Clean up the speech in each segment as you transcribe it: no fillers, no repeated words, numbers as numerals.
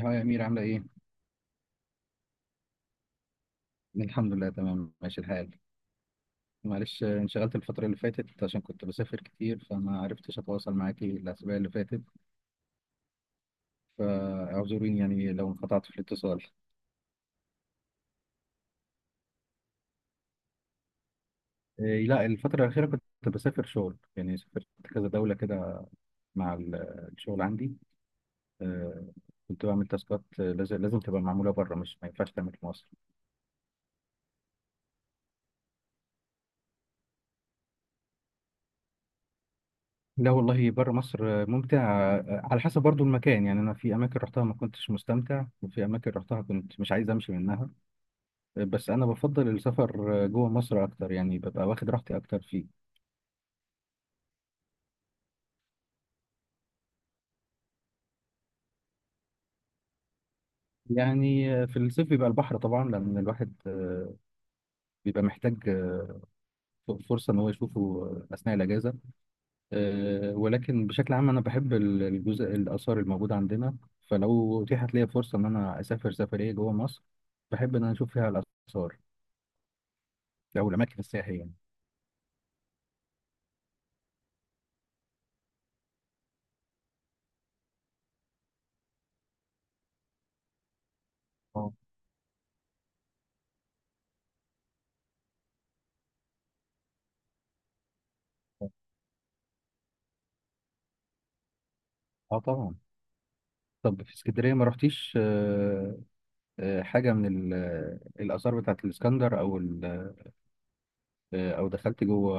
هو يا أمير عاملة إيه؟ الحمد لله تمام ماشي الحال. معلش انشغلت الفترة اللي فاتت عشان كنت بسافر كتير فما عرفتش أتواصل معاكي الأسابيع اللي فاتت، فاعذريني يعني لو انقطعت في الاتصال. إيه لا، الفترة الأخيرة كنت بسافر شغل، يعني سافرت كذا دولة كده مع الشغل عندي. آه، كنت بعمل تاسكات، لازم تبقى معمولة بره، مش ما ينفعش تعمل في مصر. لا والله، بره مصر ممتع. على حسب برضو المكان، يعني أنا في أماكن رحتها ما كنتش مستمتع، وفي أماكن رحتها كنت مش عايز أمشي منها. بس انا بفضل السفر جوه مصر اكتر، يعني ببقى واخد راحتي اكتر فيه. يعني في الصيف بيبقى البحر طبعا، لان الواحد بيبقى محتاج فرصه ان هو يشوفه اثناء الاجازه. ولكن بشكل عام انا بحب الجزء الاثار الموجوده عندنا، فلو اتيحت لي فرصه ان انا اسافر سفريه جوه مصر بحب ان انا اشوف فيها الاثار او الاماكن السياحيه يعني. اه. آه. اه طبعا. طب في اسكندريه ما رحتيش حاجه من الاثار بتاعت الاسكندر او او دخلت جوه،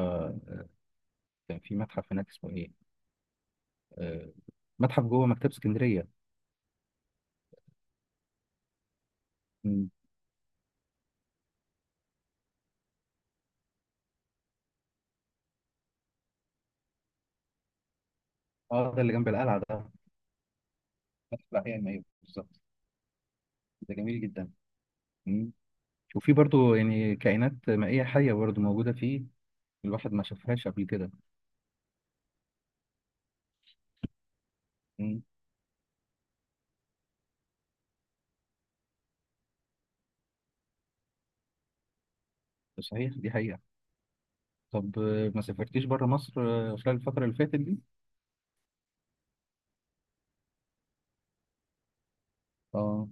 كان في متحف هناك اسمه ايه، آه، متحف جوه مكتبه اسكندريه. مم. اه، ده اللي جنب القلعه ده، متحف الاحياء المائيه بالظبط. ده جميل جدا. مم. وفي برضو يعني كائنات مائيه حيه برضو موجوده فيه، الواحد ما شافهاش قبل كده. مم. صحيح، دي حقيقه. طب ما سافرتيش بره مصر خلال الفتره اللي فاتت دي؟ اه.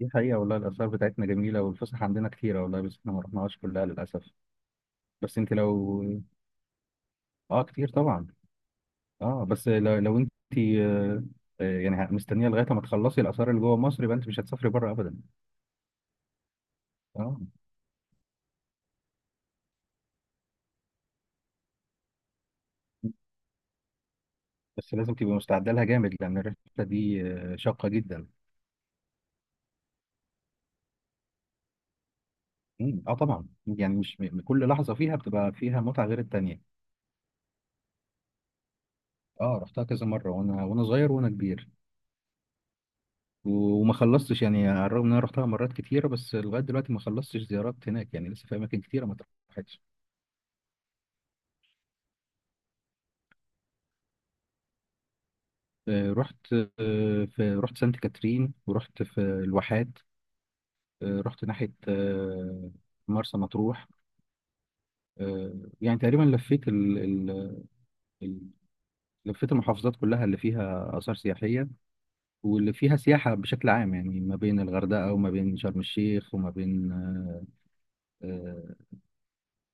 دي حقيقة والله، الآثار بتاعتنا جميلة والفسح عندنا كتيرة والله، بس احنا ما رحناهاش كلها للأسف. بس انت لو، اه، كتير طبعا. اه بس لو انت آه، يعني مستنيه لغايه ما تخلصي الاثار اللي جوه مصر، يبقى انت مش هتسافري بره ابدا. اه، بس لازم تبقي مستعده لها جامد، لان الرحله دي شاقه جدا. اه طبعا، يعني مش م- كل لحظه فيها بتبقى فيها متعه غير التانيه. اه، رحتها كذا مره، وانا وانا صغير وانا كبير، وما خلصتش، يعني على الرغم ان انا رحتها مرات كتيره، بس لغايه دلوقتي ما خلصتش زيارات هناك، يعني لسه في اماكن كتيره ما اتراحتش. رحت في رحت سانت كاترين، ورحت في الواحات، رحت ناحية مرسى مطروح. آه، يعني تقريبا لفيت ال... ال... ال... لفيت المحافظات كلها اللي فيها آثار سياحية واللي فيها سياحة بشكل عام، يعني ما بين الغردقة وما بين شرم الشيخ وما بين آه،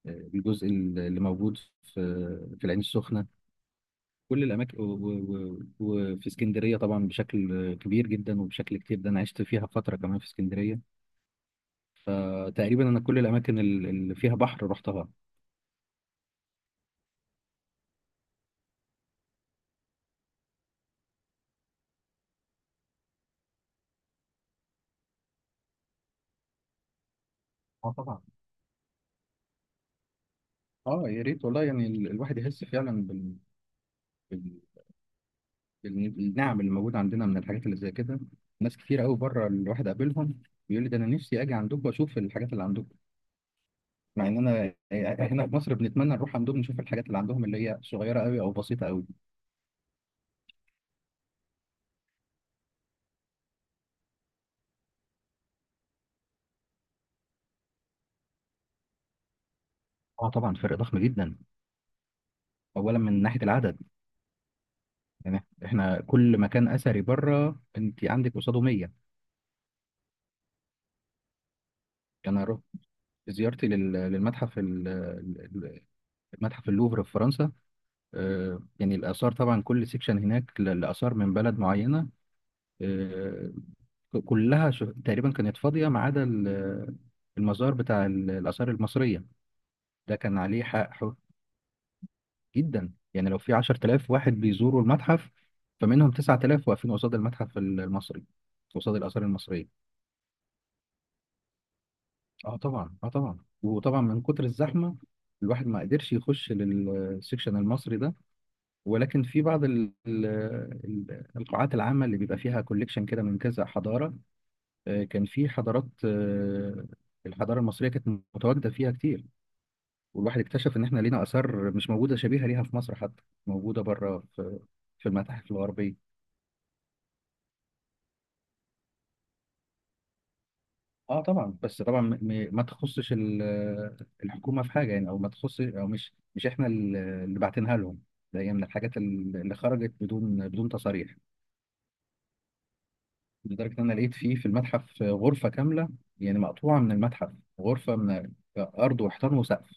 الجزء اللي موجود في في العين السخنة. كل الأماكن وفي اسكندرية طبعا بشكل كبير جدا وبشكل كتير، ده أنا عشت فيها فترة كمان في اسكندرية، فتقريبا أنا كل الأماكن اللي فيها بحر رحتها. اه طبعا. اه يا ريت والله، يعني الواحد يحس فعلا بال... بالنعم اللي موجوده عندنا من الحاجات اللي زي كده. ناس كتير قوي بره الواحد قابلهم بيقول لي ده انا نفسي اجي عندكم واشوف الحاجات اللي عندكم، مع ان انا هنا في مصر بنتمنى نروح عندهم نشوف الحاجات اللي عندهم اللي هي صغيره قوي او بسيطه قوي. اه طبعا، فرق ضخم جدا، اولا من ناحيه العدد. يعني احنا كل مكان اثري بره انت عندك قصاده 100. انا رحت، زيارتي للمتحف المتحف اللوفر في فرنسا، يعني الآثار طبعا كل سيكشن هناك لآثار من بلد معينة، آه، كلها تقريبا كانت فاضية ما عدا المزار بتاع الآثار المصرية، ده كان عليه حق حر جدا. يعني لو في 10,000 واحد بيزوروا المتحف، فمنهم 9,000 واقفين قصاد المتحف المصري، قصاد الآثار المصرية. اه طبعا، اه طبعا، وطبعا من كتر الزحمة الواحد ما قدرش يخش للسيكشن المصري ده. ولكن في بعض القاعات العامة اللي بيبقى فيها كوليكشن كده من كذا حضارة، كان في حضارات، الحضارة المصرية كانت متواجدة فيها كتير، والواحد اكتشف إن إحنا لينا آثار مش موجودة شبيهة ليها في مصر، حتى موجودة بره في في المتاحف الغربية. اه طبعا، بس طبعا ما تخصش الحكومة في حاجة يعني، او ما تخص، او مش احنا اللي باعتينها لهم، ده هي من الحاجات اللي خرجت بدون بدون تصاريح. لدرجة إن أنا لقيت فيه في المتحف غرفة كاملة، يعني مقطوعة من المتحف، غرفة من أرض وحيطان وسقف.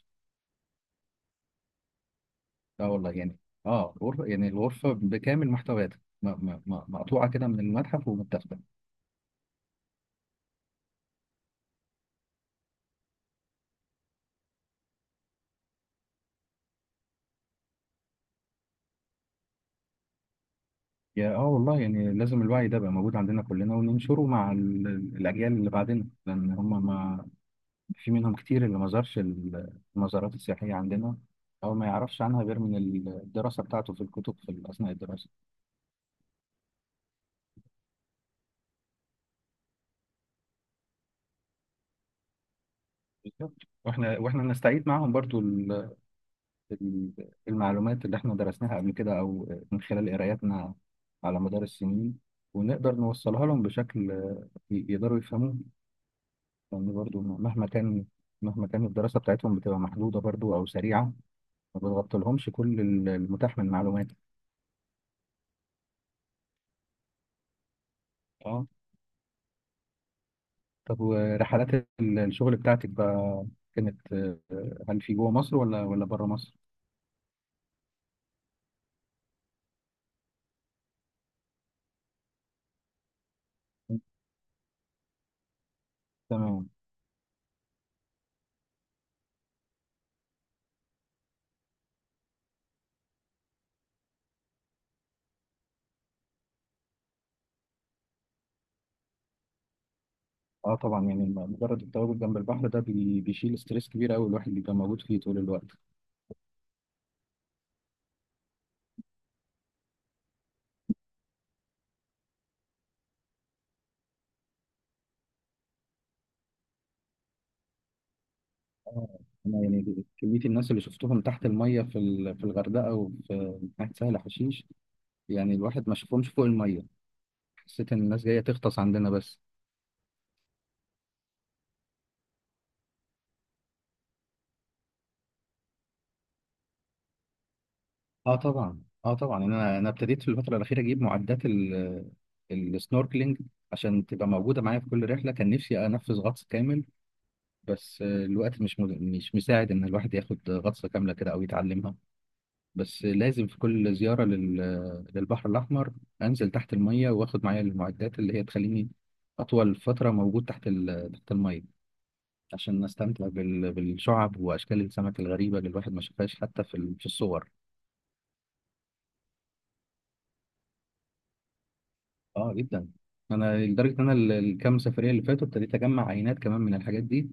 لا والله، يعني آه غرفة، يعني الغرفة بكامل محتوياتها مقطوعة كده من المتحف ومتاخدة. يا والله يعني، لازم الوعي ده يبقى موجود عندنا كلنا وننشره مع الأجيال اللي بعدنا، لأن هم، ما في منهم كتير اللي ما زارش المزارات السياحية عندنا، أو ما يعرفش عنها غير من الدراسة بتاعته في الكتب في أثناء الدراسة. بالظبط، واحنا نستعيد معاهم برضو المعلومات اللي احنا درسناها قبل كده او من خلال قراياتنا على مدار السنين، ونقدر نوصلها لهم بشكل يقدروا يفهموه. لان برضو مهما كان مهما كان الدراسة بتاعتهم بتبقى محدودة برضو او سريعة، ما بتغطي لهمش كل المتاح من معلومات. اه. طب ورحلات الشغل بتاعتك بقى، كانت هل في جوه مصر ولا بره مصر؟ تمام. اه طبعا، يعني مجرد التواجد جنب البحر ده بيشيل ستريس كبير قوي الواحد بيبقى موجود فيه طول الوقت. آه، انا يعني كميه الناس اللي شفتهم تحت الميه في في الغردقه وفي ناحيه سهل حشيش، يعني الواحد ما شافهمش فوق الميه، حسيت ان الناس جايه تغطس عندنا بس. اه طبعا، اه طبعا، يعني انا ابتديت في الفتره الاخيره اجيب معدات السنوركلينج عشان تبقى موجوده معايا في كل رحله، كان نفسي انفذ غطس كامل، بس الوقت مش مساعد ان الواحد ياخد غطسه كامله كده او يتعلمها. بس لازم في كل زيارة للبحر الأحمر أنزل تحت المية، وآخد معايا المعدات اللي هي تخليني أطول فترة موجود تحت المية، عشان أستمتع بالشعب وأشكال السمك الغريبة اللي الواحد ما شافهاش حتى في الصور. آه جدا. أنا لدرجة إن أنا الكام سفرية اللي فاتوا ابتديت أجمع عينات كمان من الحاجات دي،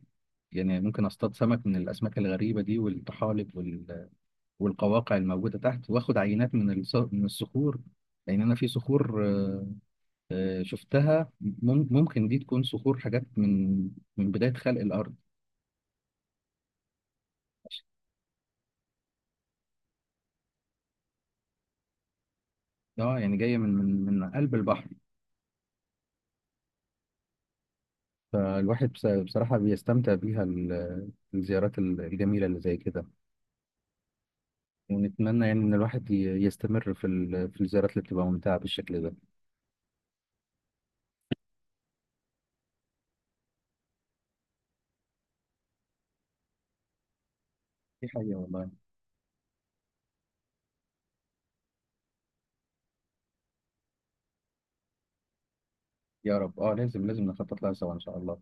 يعني ممكن اصطاد سمك من الاسماك الغريبه دي، والطحالب والقواقع الموجوده تحت، واخد عينات من من الصخور، لان انا في صخور شفتها ممكن دي تكون صخور، حاجات من من بداية خلق الأرض. اه يعني جاية من قلب البحر. فالواحد بصراحة بيستمتع بيها الزيارات الجميلة اللي زي كده، ونتمنى يعني إن الواحد يستمر في في الزيارات اللي بتبقى ممتعة بالشكل ده. دي حقيقة والله. يا رب، اه، لازم نخطط لها سوا إن شاء الله.